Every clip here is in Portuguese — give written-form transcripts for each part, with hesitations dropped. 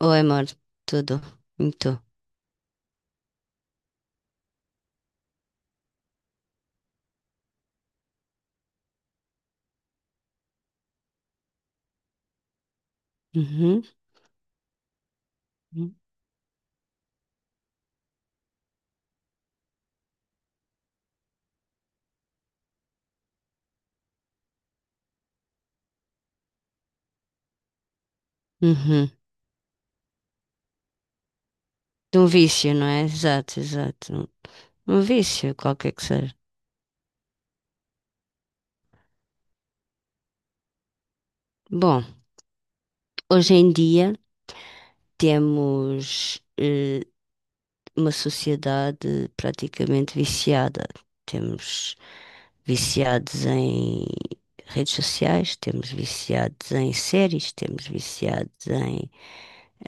Oi, amor, tudo. E tu? Uhum. Uhum. De um vício, não é? Exato, exato. Um vício, qualquer que seja. Bom, hoje em dia temos uma sociedade praticamente viciada. Temos viciados em redes sociais, temos viciados em séries, temos viciados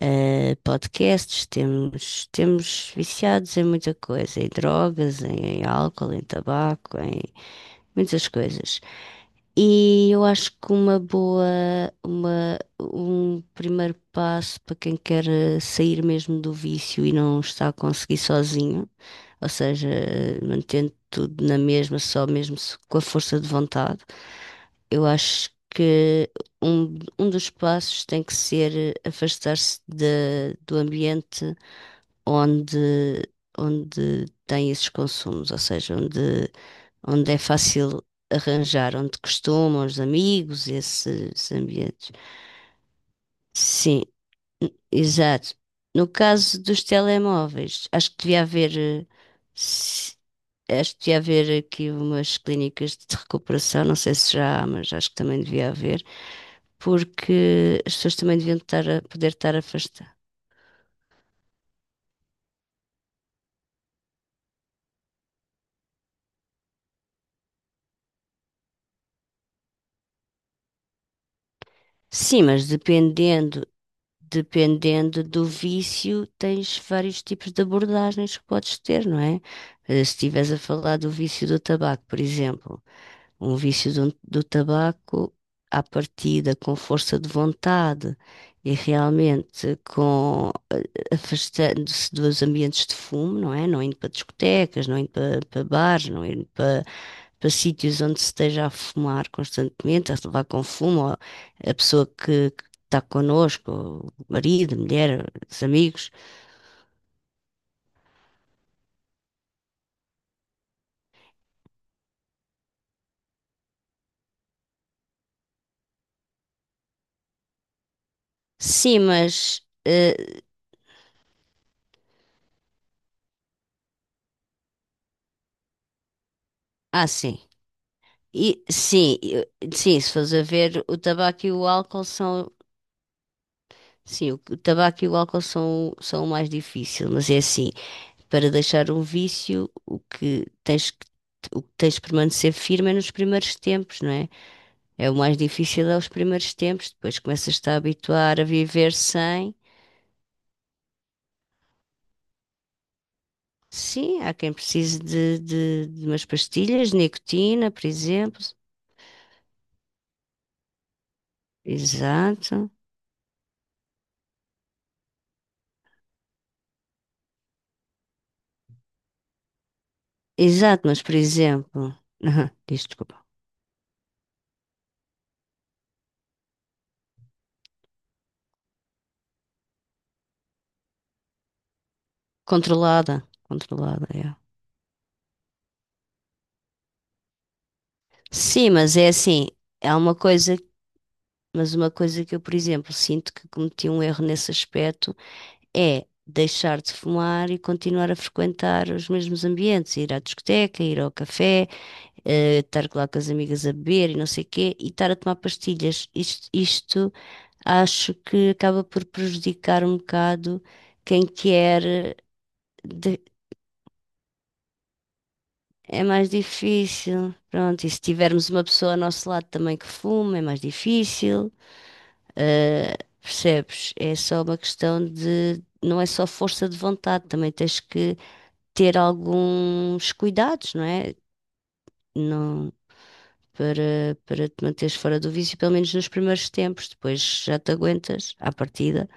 podcasts, temos viciados em muita coisa, em drogas, em álcool, em tabaco, em muitas coisas. E eu acho que um primeiro passo para quem quer sair mesmo do vício e não está a conseguir sozinho, ou seja, mantendo tudo na mesma, só mesmo com a força de vontade, eu acho que um dos passos tem que ser afastar-se do ambiente onde, onde tem esses consumos, ou seja, onde é fácil arranjar, onde costumam os amigos, esses ambientes. Sim, exato. No caso dos telemóveis, acho que devia haver, se- acho que devia haver aqui umas clínicas de recuperação, não sei se já há, mas acho que também devia haver, porque as pessoas também deviam estar a poder estar afastadas. Sim, mas dependendo, dependendo do vício, tens vários tipos de abordagens que podes ter, não é? Se estiveres a falar do vício do tabaco, por exemplo, um vício do tabaco, à partida, com força de vontade e realmente com afastando-se dos ambientes de fumo, não é? Não indo para discotecas, não indo para bares, não indo para, para sítios onde se esteja a fumar constantemente, a levar com fumo, ou a pessoa que está connosco, o marido, a mulher, os amigos. Sim, mas. eh, ah, sim. Sim, sim, se fores a ver, o tabaco e o álcool são. Sim, o tabaco e o álcool são, são o mais difícil, mas é assim. Para deixar um vício, o que tens de permanecer firme é nos primeiros tempos, não é? É o mais difícil é os primeiros tempos, depois começas-te a habituar a viver sem. Sim, há quem precise de umas pastilhas, nicotina, por exemplo. Exato. Exato, mas por exemplo, diz, desculpa, controlada, controlada, é. Sim, mas é assim, é uma coisa, mas uma coisa que eu, por exemplo, sinto que cometi um erro nesse aspecto é deixar de fumar e continuar a frequentar os mesmos ambientes, ir à discoteca, ir ao café, estar lá com as amigas a beber e não sei quê, e estar a tomar pastilhas. Isto acho que acaba por prejudicar um bocado quem quer. de- É mais difícil. Pronto, e se tivermos uma pessoa ao nosso lado também que fuma, é mais difícil. Eh, Percebes? É só uma questão de. Não é só força de vontade, também tens que ter alguns cuidados, não é? Não, para te manteres fora do vício, pelo menos nos primeiros tempos, depois já te aguentas à partida.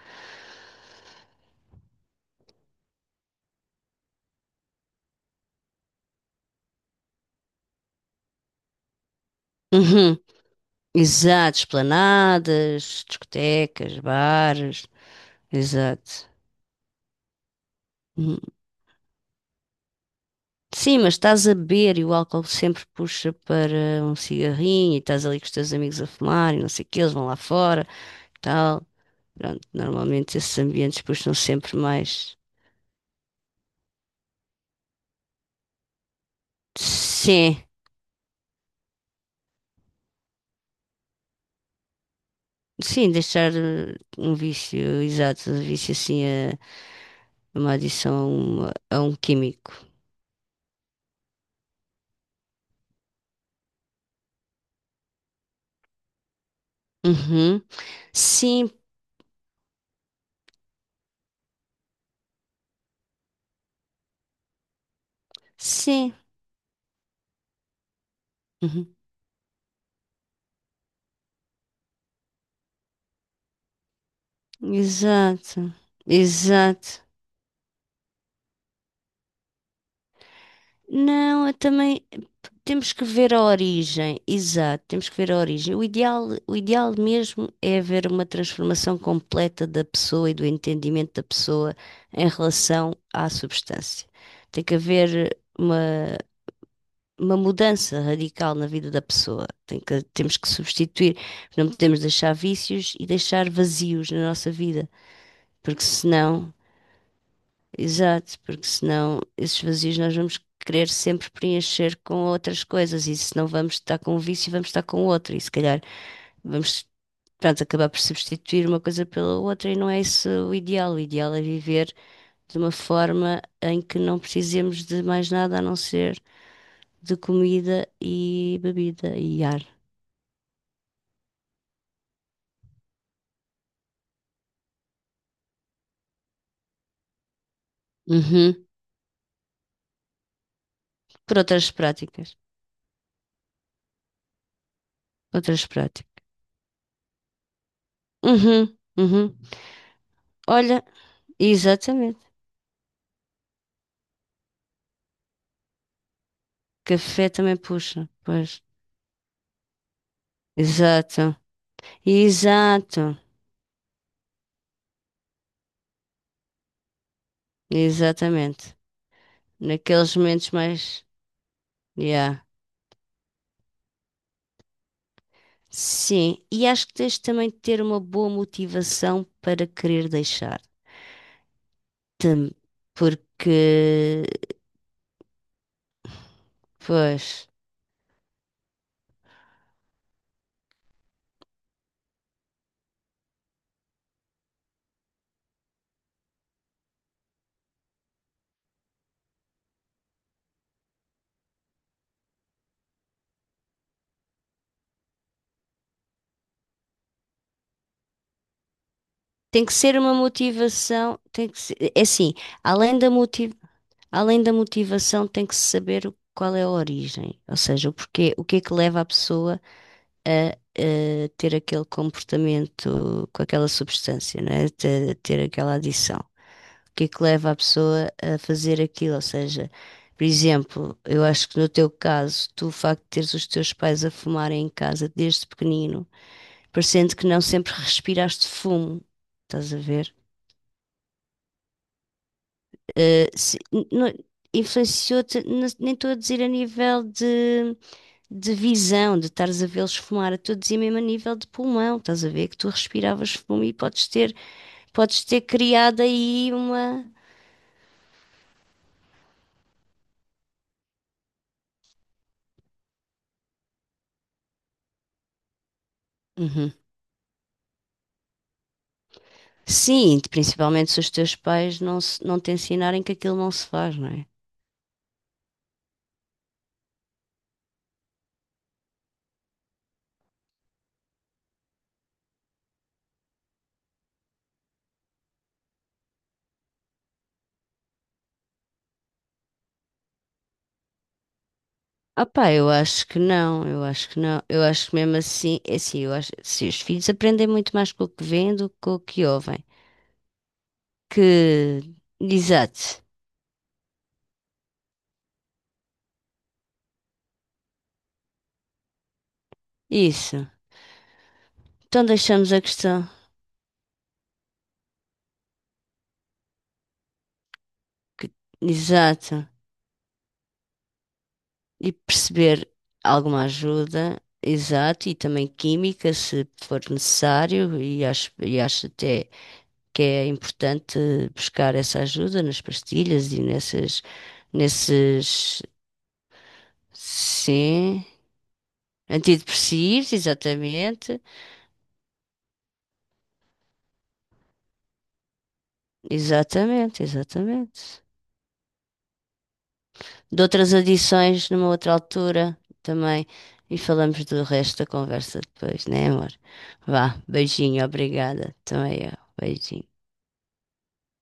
Uhum. Exato, esplanadas, discotecas, bares, exato. Uhum. Sim, mas estás a beber e o álcool sempre puxa para um cigarrinho e estás ali com os teus amigos a fumar e não sei o que, eles vão lá fora, tal. Pronto, normalmente esses ambientes puxam sempre mais. Sim. Sim, deixar um vício, exato, um vício assim, é uma adição a um químico. Uhum. Sim, sim. Uhum. Exato, exato. Não, eu também temos que ver a origem, exato, temos que ver a origem. O ideal mesmo é haver uma transformação completa da pessoa e do entendimento da pessoa em relação à substância. Tem que haver uma mudança radical na vida da pessoa. Temos que substituir, não podemos deixar vícios e deixar vazios na nossa vida, porque senão, exato, porque senão esses vazios nós vamos querer sempre preencher com outras coisas e se não vamos estar com um vício, vamos estar com outro e se calhar vamos, pronto, acabar por substituir uma coisa pela outra e não é isso o ideal. O ideal é viver de uma forma em que não precisemos de mais nada a não ser de comida e bebida e ar. Uhum. Por outras práticas. Outras práticas. Uhum. Uhum. Olha, exatamente. Café também puxa. Pois. Exato. Exato. Exatamente. Naqueles momentos mais. Yeah. Sim. E acho que tens também de ter uma boa motivação para querer deixar. Tam- Porque. Pois. Tem que ser uma motivação. Tem que ser. É assim. Além da motivação. Além da motivação, tem que se saber qual é a origem, ou seja, o porquê, o que é que leva a pessoa a, ter aquele comportamento com aquela substância, não é? Ter aquela adição. O que é que leva a pessoa a fazer aquilo? Ou seja, por exemplo, eu acho que no teu caso, tu o facto de teres os teus pais a fumarem em casa desde pequenino, parecendo que não sempre respiraste fumo, estás a ver? Eh, se- n- não- Influenciou-te, nem estou a dizer a nível de visão, de estares a vê-los fumar a todos e mesmo a nível de pulmão, estás a ver que tu respiravas fumo e podes ter criado aí uma. Uhum. Sim, principalmente se os teus pais não, não te ensinarem que aquilo não se faz, não é? Ah pá, eu acho que não, eu acho que mesmo assim, é assim, eu acho, se os filhos aprendem muito mais com o que veem do que com o que ouvem, que, exato, isso, então deixamos a questão, que- exato, e perceber alguma ajuda, exato, e também química, se for necessário, e acho até que é importante buscar essa ajuda nas pastilhas nesses, sim, antidepressivos, exatamente, exatamente, exatamente. De outras adições numa outra altura também. E falamos do resto da conversa depois, né, amor? Vá, beijinho, obrigada. Também eu, beijinho.